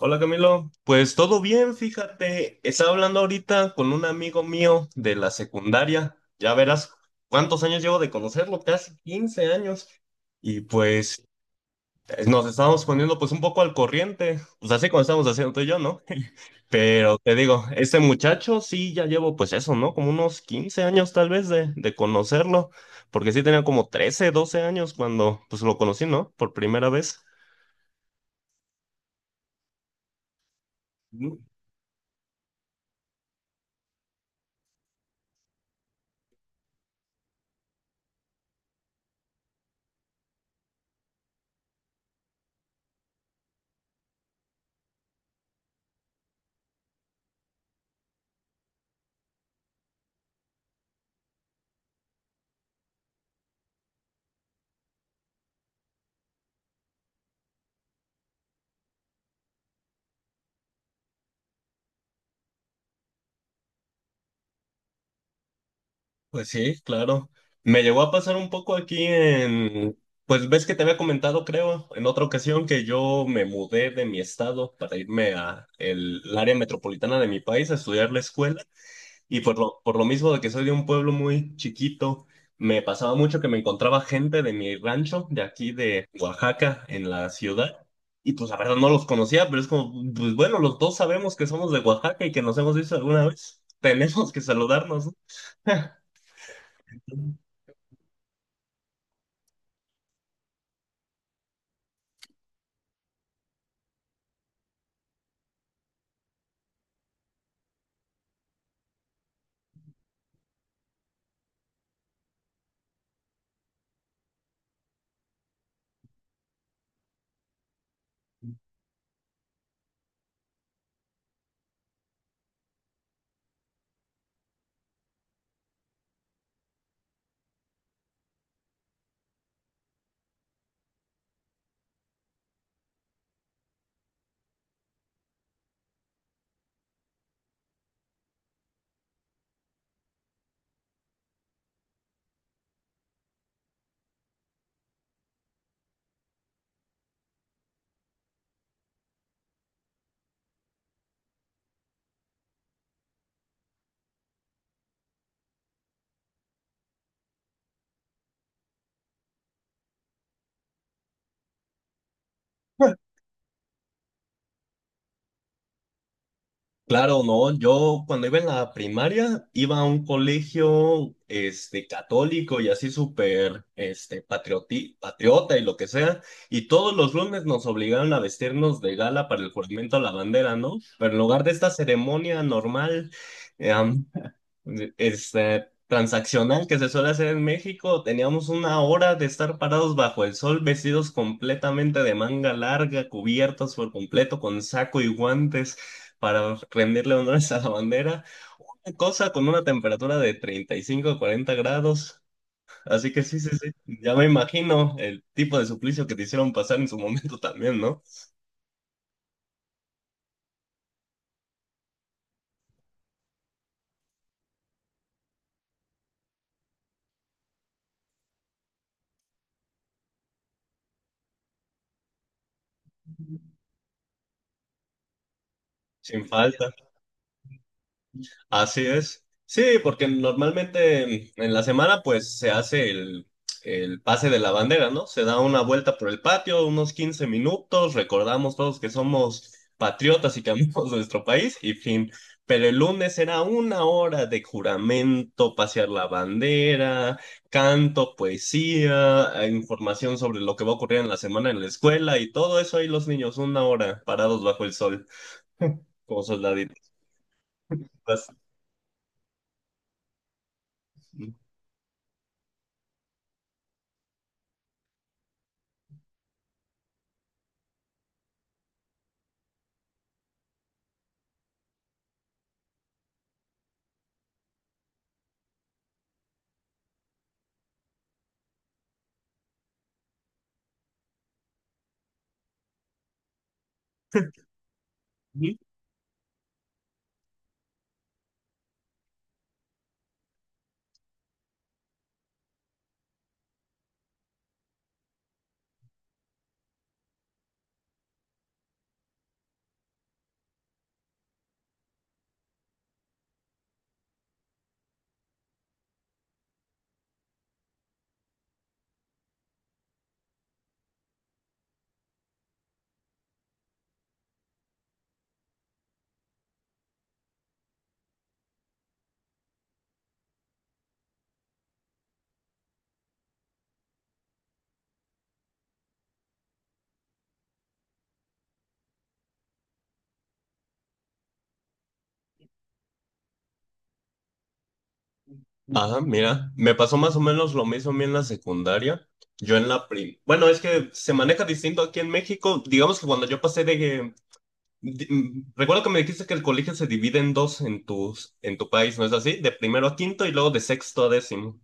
Hola Camilo, pues todo bien, fíjate, estaba hablando ahorita con un amigo mío de la secundaria, ya verás cuántos años llevo de conocerlo, casi 15 años, y pues nos estábamos poniendo pues un poco al corriente, pues así como estábamos haciendo tú y yo, ¿no? Pero te digo, este muchacho sí ya llevo pues eso, ¿no? Como unos 15 años tal vez de conocerlo, porque sí tenía como 13, 12 años cuando pues lo conocí, ¿no? Por primera vez. Pues sí, claro. Me llegó a pasar un poco aquí en, pues ves que te había comentado, creo, en otra ocasión que yo me mudé de mi estado para irme a el área metropolitana de mi país a estudiar la escuela y por lo mismo de que soy de un pueblo muy chiquito, me pasaba mucho que me encontraba gente de mi rancho de aquí de Oaxaca en la ciudad y pues la verdad no los conocía, pero es como, pues bueno, los dos sabemos que somos de Oaxaca y que nos hemos visto alguna vez. Tenemos que saludarnos, ¿no? Claro, no, yo cuando iba en la primaria iba a un colegio este católico y así súper este patriota y lo que sea, y todos los lunes nos obligaron a vestirnos de gala para el juramento a la bandera, ¿no? Pero en lugar de esta ceremonia normal, este, transaccional que se suele hacer en México, teníamos una hora de estar parados bajo el sol, vestidos completamente de manga larga, cubiertos por completo con saco y guantes para rendirle honores a la bandera, cosa con una temperatura de 35 a 40 grados. Así que sí, sí, sí, ya me imagino el tipo de suplicio que te hicieron pasar en su momento también, ¿no? Sin falta. Así es. Sí, porque normalmente en la semana pues se hace el pase de la bandera, ¿no? Se da una vuelta por el patio, unos 15 minutos, recordamos todos que somos patriotas y que amamos nuestro país y fin. Pero el lunes era una hora de juramento, pasear la bandera, canto, poesía, información sobre lo que va a ocurrir en la semana en la escuela y todo eso ahí los niños, una hora parados bajo el sol como soldaditos. Ah, mira, me pasó más o menos lo mismo a mí en la secundaria. Yo en la prim... Bueno, es que se maneja distinto aquí en México. Digamos que cuando yo pasé de... di- mm, Recuerdo que me dijiste que el colegio se divide en dos en tu país, ¿no es así? De primero a quinto y luego de sexto a décimo.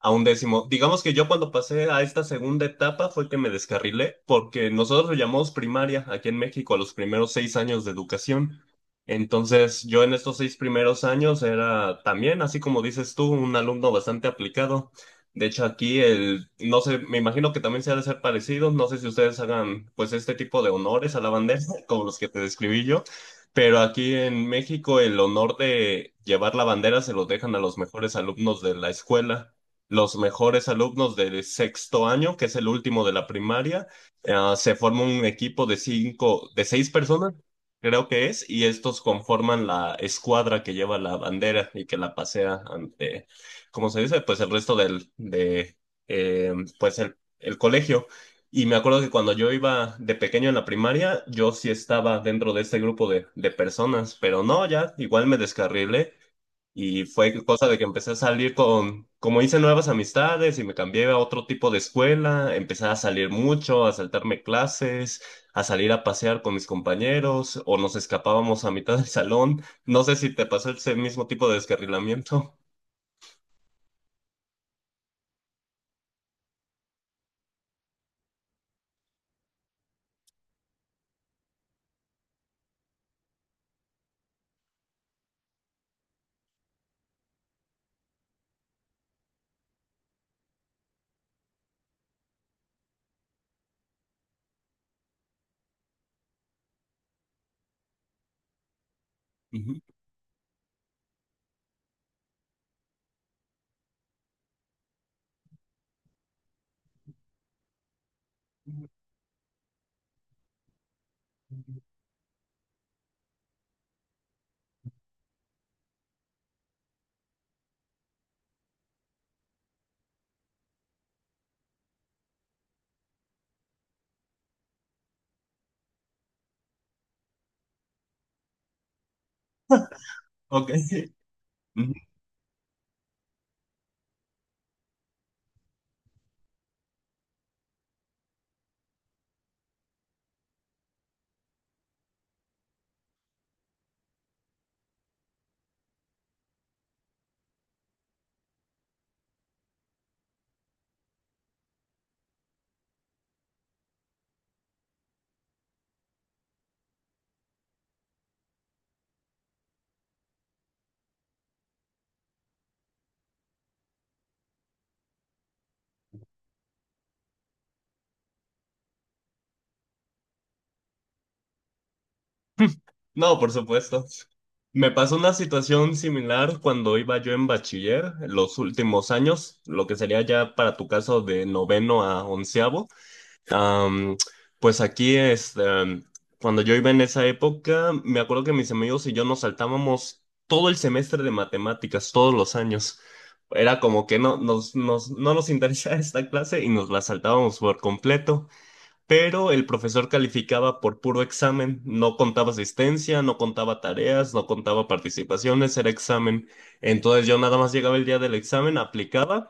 A un décimo. Digamos que yo cuando pasé a esta segunda etapa fue que me descarrilé, porque nosotros lo llamamos primaria aquí en México a los primeros 6 años de educación. Entonces, yo en estos seis primeros años era también, así como dices tú, un alumno bastante aplicado. De hecho, aquí el, no sé, me imagino que también se ha de ser parecido. No sé si ustedes hagan, pues, este tipo de honores a la bandera, como los que te describí yo. Pero aquí en México el honor de llevar la bandera se lo dejan a los mejores alumnos de la escuela los mejores alumnos del sexto año, que es el último de la primaria. Ah, se forma un equipo de cinco, de seis personas, creo que es, y estos conforman la escuadra que lleva la bandera y que la pasea ante, ¿cómo se dice? Pues el resto del, de, eh, pues el colegio. Y me acuerdo que cuando yo iba de pequeño en la primaria, yo sí estaba dentro de este grupo de personas, pero no, ya igual me descarrilé y fue cosa de que empecé a salir con, como hice nuevas amistades y me cambié a otro tipo de escuela, empecé a salir mucho, a saltarme clases, a salir a pasear con mis compañeros o nos escapábamos a mitad del salón. No sé si te pasó ese mismo tipo de descarrilamiento. Ujú. Ok. Ujú. No, por supuesto. Me pasó una situación similar cuando iba yo en bachiller, en los últimos años, lo que sería ya para tu caso de noveno a onceavo. Am, pues aquí es, cuando yo iba en esa época, me acuerdo que mis amigos y yo nos saltábamos todo el semestre de matemáticas, todos los años. Era como que no nos interesaba esta clase y nos la saltábamos por completo, pero el profesor calificaba por puro examen, no contaba asistencia, no contaba tareas, no contaba participaciones, era examen. Entonces yo nada más llegaba el día del examen, aplicaba.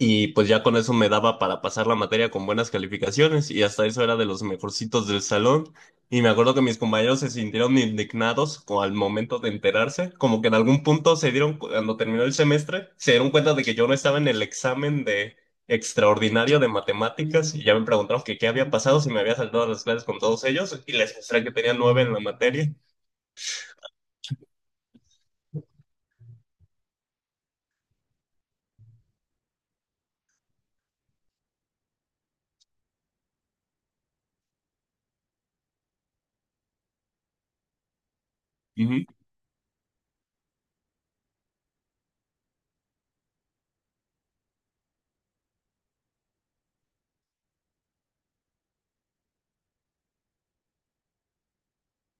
Y pues ya con eso me daba para pasar la materia con buenas calificaciones y hasta eso era de los mejorcitos del salón. Y me acuerdo que mis compañeros se sintieron indignados al momento de enterarse, como que en algún punto cuando terminó el semestre, se dieron cuenta de que yo no estaba en el examen de extraordinario de matemáticas y ya me preguntaron que qué había pasado si me había saltado las clases con todos ellos y les mostré que tenía 9 en la materia. Ujú,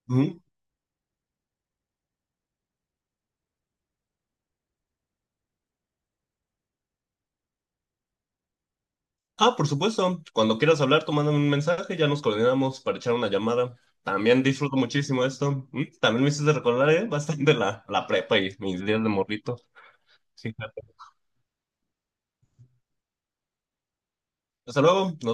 ujú. Ah, por supuesto. Cuando quieras hablar, tú mándame un mensaje, ya nos coordinamos para echar una llamada. También disfruto muchísimo esto. También me hiciste recordar, bastante la prepa y mis días de morrito. Sí, claro. Hasta luego. Nos